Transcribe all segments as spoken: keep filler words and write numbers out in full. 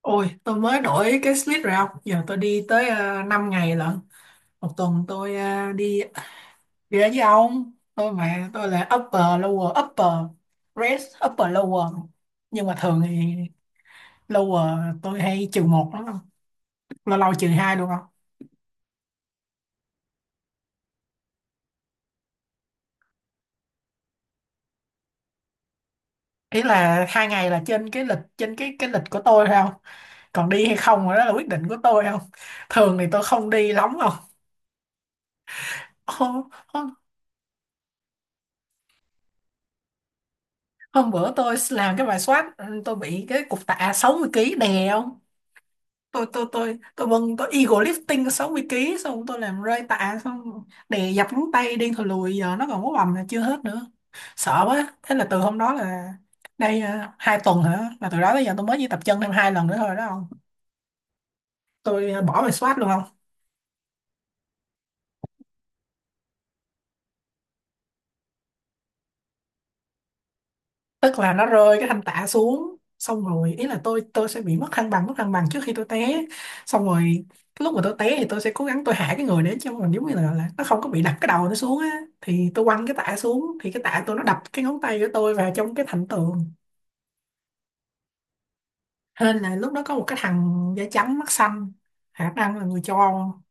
Ôi, tôi mới đổi cái slip rồi ông. Giờ tôi đi tới uh, năm ngày lận. Một tuần tôi ờ, đi đi ra với ông. Tôi mà tôi là upper lower upper rest upper lower. Nhưng mà thường thì lower tôi hay trừ một lắm không? Lâu lâu trừ hai luôn không? Ý là hai ngày là trên cái lịch, trên cái cái lịch của tôi thôi không? Còn đi hay không đó là quyết định của tôi không? Thường thì tôi không đi lắm không? Hôm, hôm, hôm bữa tôi làm cái bài soát, tôi bị cái cục tạ sáu mươi ký đè không? tôi tôi tôi tôi vâng tôi eagle lifting có sáu mươi ký, xong tôi làm rơi tạ, xong đè dập ngón tay điên thò lùi, giờ nó còn có bầm là chưa hết nữa. Sợ quá, thế là từ hôm đó là đây à, hai tuần hả, là từ đó tới giờ tôi mới chỉ tập chân thêm hai lần nữa thôi đó không. Tôi à, bỏ về SWAT luôn không. Tức là nó rơi cái thanh tạ xuống, xong rồi ý là tôi tôi sẽ bị mất thăng bằng, mất thăng bằng trước khi tôi té. Xong rồi cái lúc mà tôi té thì tôi sẽ cố gắng, tôi hạ cái người đến cho mình giống như là, là nó không có bị đập cái đầu nó xuống á, thì tôi quăng cái tạ xuống thì cái tạ tôi nó đập cái ngón tay của tôi vào trong cái thành tường. Hên là lúc đó có một cái thằng da trắng mắt xanh, khả năng là người châu Âu,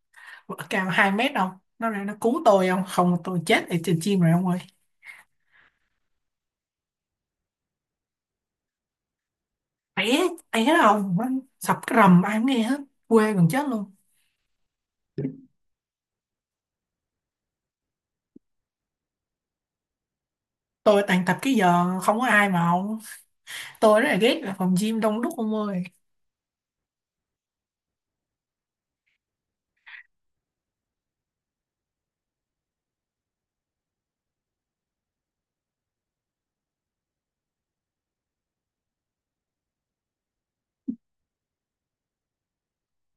cao hai mét không, nó ra nó cứu tôi không, không tôi chết ở trên chim rồi ông ơi. Té té không, nó sập cái rầm ai cũng nghe hết, quê gần chết luôn. Tôi toàn tập cái giờ không có ai mà không, tôi rất là ghét là phòng gym đông đúc ông ơi.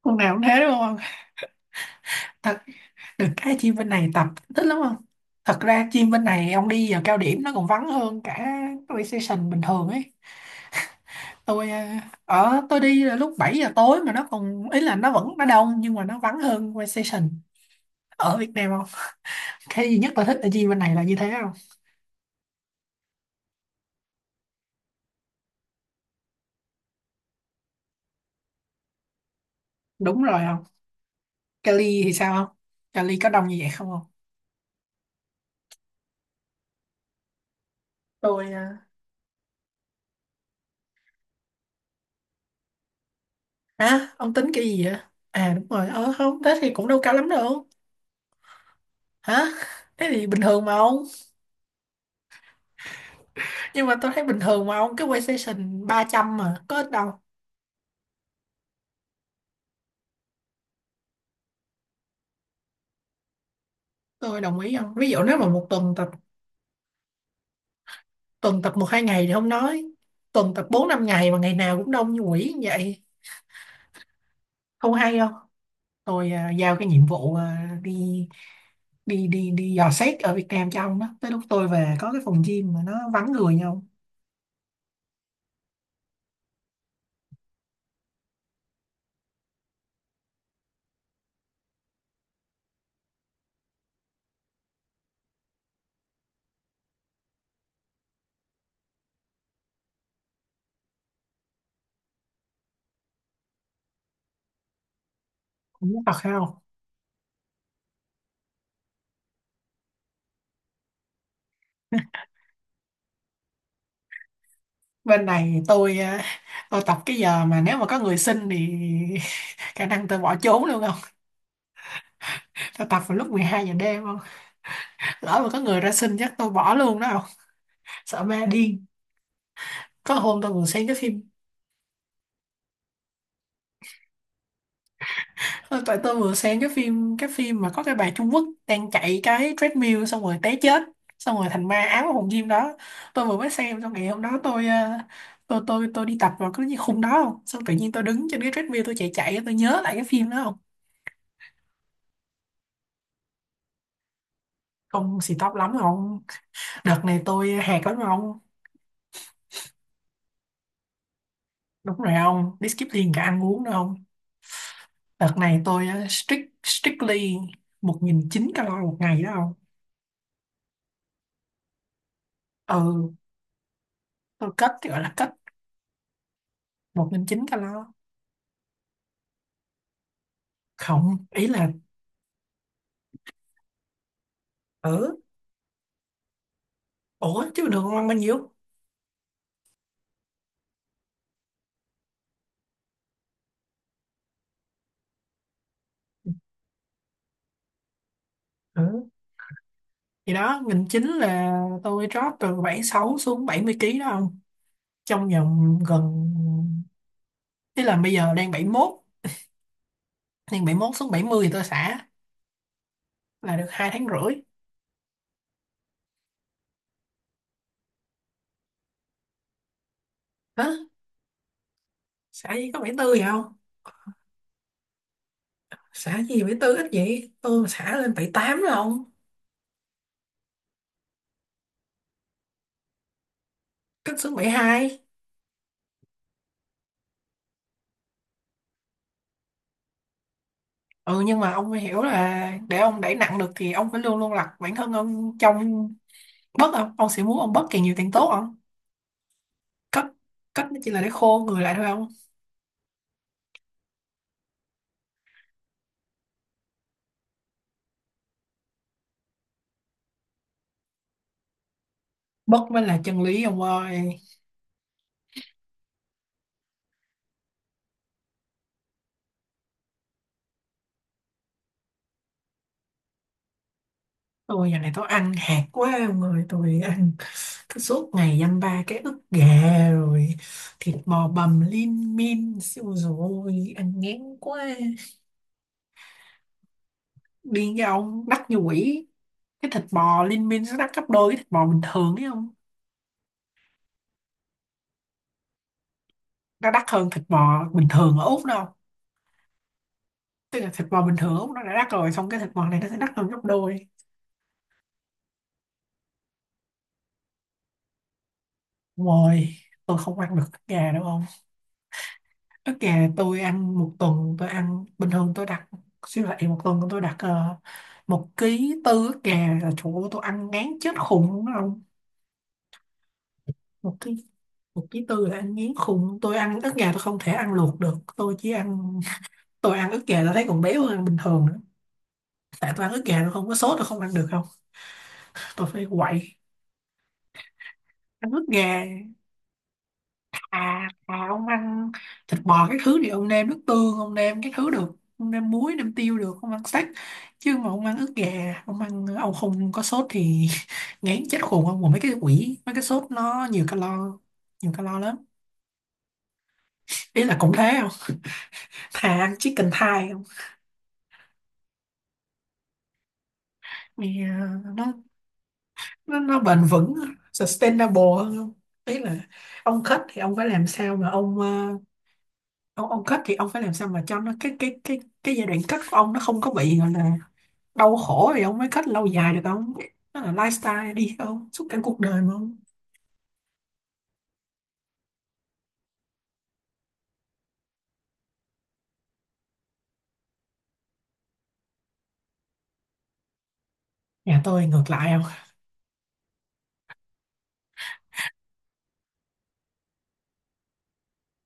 Hôm nào cũng thế đúng không? Thật được cái gym bên này tập thích lắm không. Thật ra gym bên này ông đi giờ cao điểm nó còn vắng hơn cả recession bình thường ấy. Tôi à, ở, tôi đi là lúc bảy giờ tối mà nó còn ý là nó vẫn nó đông nhưng mà nó vắng hơn recession ở Việt Nam không. Cái duy nhất tôi thích ở gym bên này là như thế không. Đúng rồi không. Cali thì sao không? Cali có đông như vậy không không? tôi à, Hả? Ông tính cái gì vậy? À đúng rồi, ờ không, thế thì cũng đâu cao lắm đâu. Hả? Thế thì bình thường mà ông. Nhưng mà tôi thấy bình thường mà ông, cái PlayStation ba trăm mà, có ít đâu. Tôi đồng ý không? Ví dụ nếu mà một tuần tập, tuần tập một hai ngày thì không nói. Tuần tập bốn năm ngày mà ngày nào cũng đông như quỷ như vậy, không hay không? Tôi à, giao cái nhiệm vụ à, đi đi đi đi dò xét ở Việt Nam cho ông đó. Tới lúc tôi về có cái phòng gym mà nó vắng người nhau, cũng thật hay không? Bên này tôi à, tôi tập cái giờ mà nếu mà có người xin thì khả năng tôi bỏ trốn luôn không. Tôi tập vào lúc mười hai giờ đêm không, lỡ mà có người ra xin chắc tôi bỏ luôn đó không, sợ ma điên. Có hôm tôi vừa xem cái phim, ờ, tại tôi vừa xem cái phim, cái phim mà có cái bà Trung Quốc đang chạy cái treadmill xong rồi té chết, xong rồi thành ma ám ở phòng gym đó. Tôi vừa mới xem xong ngày hôm đó, tôi à, tôi tôi tôi đi tập vào cái khung đó không, xong tự nhiên tôi đứng trên cái treadmill tôi chạy chạy tôi nhớ lại cái phim đó không. Không xì tóc lắm không. Đợt này tôi hẹt lắm ông. Đúng rồi ông. Đi skip liền cả ăn uống đâu ông. Đợt này tôi uh, strict, strictly một nghìn chín 900 calo một ngày đó ông. Ừ, tôi cất thì gọi là cất một nghìn chín trăm calo. Không ý là ở. Ủa chứ bình thường ông ăn bao nhiêu? Ừ, thì đó nghìn chín là tôi drop từ bảy sáu xuống bảy mươi kg đó ông. Trong vòng gần, ý là bây giờ đang bảy mươi mốt. Đang bảy mốt xuống bảy mươi thì tôi xả. Là được hai tháng rưỡi. Hả? Xả gì có bảy tư vậy không? Xả gì bảy tư ít vậy, tôi mà xả lên bảy tám là ông. Cất xuống bảy hai. Ừ nhưng mà ông phải hiểu là để ông đẩy nặng được thì ông phải luôn luôn đặt bản thân ông trong bớt không, ông sẽ muốn ông bớt càng nhiều càng tốt không. Cất cất nó chỉ là để khô người lại thôi không. Bớt mới là chân lý ông ơi. Tôi giờ này tôi ăn hạt quá ông ơi, tôi ăn cứ suốt ngày dăm ba cái ức gà, rồi thịt bò bằm lim dim siêu, rồi ăn ngán quá. Điên cái ông, đắt như quỷ. Cái thịt bò Liên Minh nó đắt gấp đôi cái thịt bò bình thường ấy không. Nó đắt hơn thịt bò bình thường ở Úc đâu. Tức là thịt bò bình thường ở Úc nó đã đắt rồi, xong cái thịt bò này nó sẽ đắt hơn gấp đôi. Rồi tôi không ăn được ức gà đâu không. Ức gà tôi ăn một tuần, tôi ăn bình thường tôi đặt siêu thị, một tuần tôi đặt ờ, một ký tư ức gà là chỗ tôi ăn ngán chết khùng luôn đó không. Một ký, một ký tư là ăn ngán khùng. Tôi ăn ức gà tôi không thể ăn luộc được, tôi chỉ ăn. Tôi ăn ức gà tôi thấy còn béo hơn bình thường nữa, tại tôi ăn ức gà tôi không có sốt tôi không ăn được không. Tôi phải quậy ăn ức gà. À, à ông ăn thịt bò cái thứ thì ông nêm nước tương, ông nêm cái thứ được, ông nêm muối nêm tiêu được, ông ăn steak. Chứ mà ông ăn ức gà ông ăn ông không có sốt thì ngán chết khùng ông. Mà mấy cái quỷ mấy cái sốt nó nhiều calo, nhiều calo lắm. Ý là cũng thế không, thà ăn chicken thigh không. Mẹ, nó nó, nó bền vững, sustainable hơn không. Ý là ông kết thì ông phải làm sao mà ông ờ, ông ông kết thì ông phải làm sao mà cho nó cái cái cái cái giai đoạn kết của ông nó không có bị gọi là đau khổ thì ông mới kết lâu dài được không. Nó là lifestyle đi không, suốt cả cuộc đời mà không. Nhà tôi ngược lại không.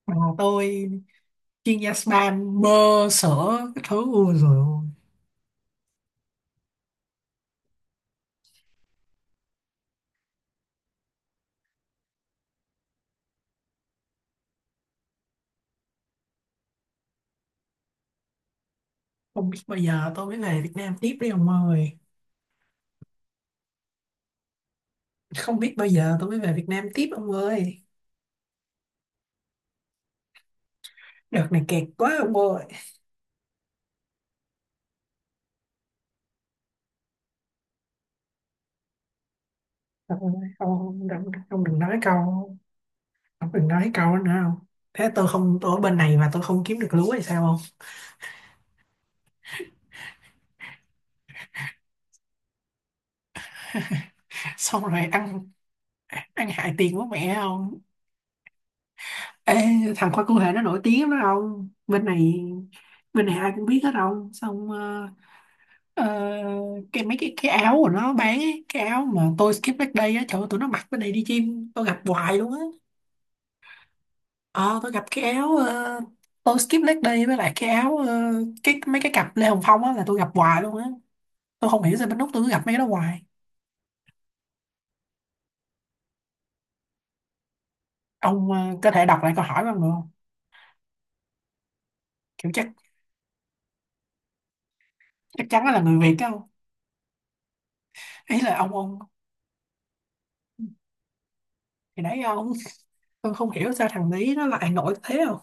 Bà tôi chuyên gia spa bơ sữa cái thứ ui rồi. Không biết bao giờ tôi mới về Việt Nam tiếp đi ông ơi. Không biết bao giờ tôi mới về Việt Nam tiếp ông ơi. Đợt này kẹt quá ông ơi. Không không không, không đừng nói câu, không đừng nói câu đó nữa không. Thế tôi không, tôi ở bên này mà tôi không kiếm được lúa hay sao không. Xong rồi ăn, ăn hại tiền của mẹ không. Ê, thằng khoai cụ thể nó nổi tiếng lắm đó không, bên này bên này ai cũng biết hết không. Xong ờ, ờ, cái mấy cái cái áo của nó bán ấy, cái áo mà tôi skip back day á, trời ơi, tụi nó mặc bên này đi chim tôi gặp hoài luôn á. Ờ, tôi gặp cái áo ờ, tôi skip leg day với lại cái áo ờ, cái mấy cái cặp Lê Hồng Phong á là tôi gặp hoài luôn á. Tôi không hiểu sao bên Úc tôi cứ gặp mấy cái đó hoài. Ông ờ, có thể đọc lại câu hỏi bằng được không? Kiểu chắc, chắc chắn là người Việt đó không? Ý là ông ông thì đấy ông, tôi không hiểu sao thằng đấy nó lại nổi thế không?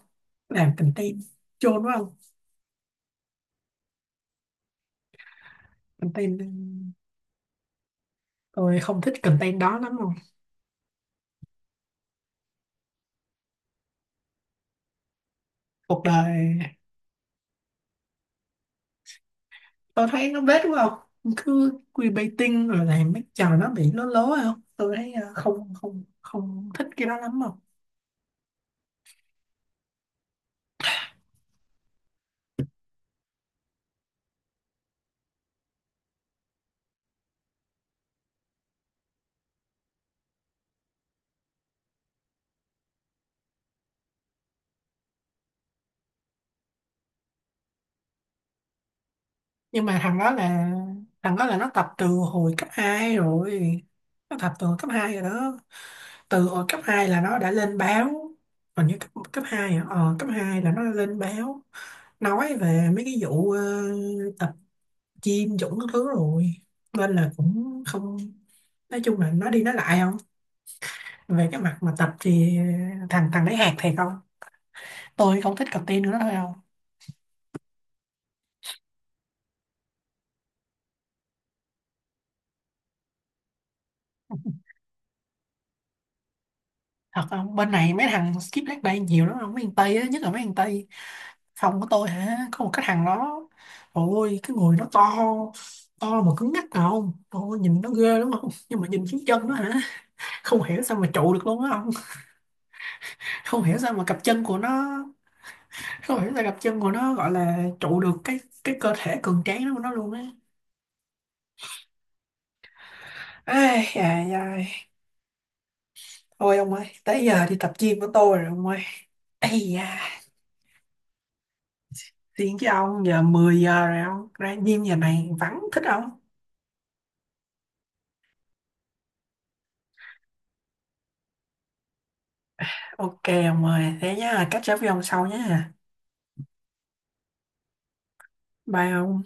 Làm content chôn quá không? Content tôi không thích content đó lắm không? Cuộc đời tôi thấy nó bết quá không, cứ clickbaiting rồi làm mấy trò nó bị lố lố không. Tôi thấy ờ, không không không thích cái đó lắm không. Nhưng mà thằng đó là, thằng đó là nó tập từ hồi cấp hai rồi. Nó tập từ hồi cấp hai rồi đó. Từ hồi cấp hai là nó đã lên báo. Còn như cấp cấp hai à? Ờ, cấp hai là nó đã lên báo nói về mấy cái vụ ờ, tập gym Dũng các thứ rồi. Nên là cũng không, nói chung là nó đi nói lại không. Về cái mặt mà tập thì thằng thằng đấy hạt thiệt không. Tôi không thích cặp tiên nữa thôi không. Thật không, bên này mấy thằng skip leg day nhiều lắm không, mấy thằng tây á, nhất là mấy thằng tây phòng của tôi hả, có một cái thằng đó. Ôi cái người nó to, to mà cứng ngắc à không, ôi nhìn nó ghê lắm không, nhưng mà nhìn xuống chân nó hả, không hiểu sao mà trụ được luôn á không. Không hiểu sao mà cặp chân của nó, không hiểu sao cặp chân của nó gọi là trụ được cái cái cơ thể cường tráng đó của nó luôn á. Ê dài ai. Thôi ông ơi, tới giờ đi tập gym của tôi rồi ông ơi. Ây da, tiếng với ông giờ mười giờ rồi ông. Ra gym giờ này vắng thích ông. Ok ông ơi, thế nhá, catch up với ông sau nhá. Bye ông.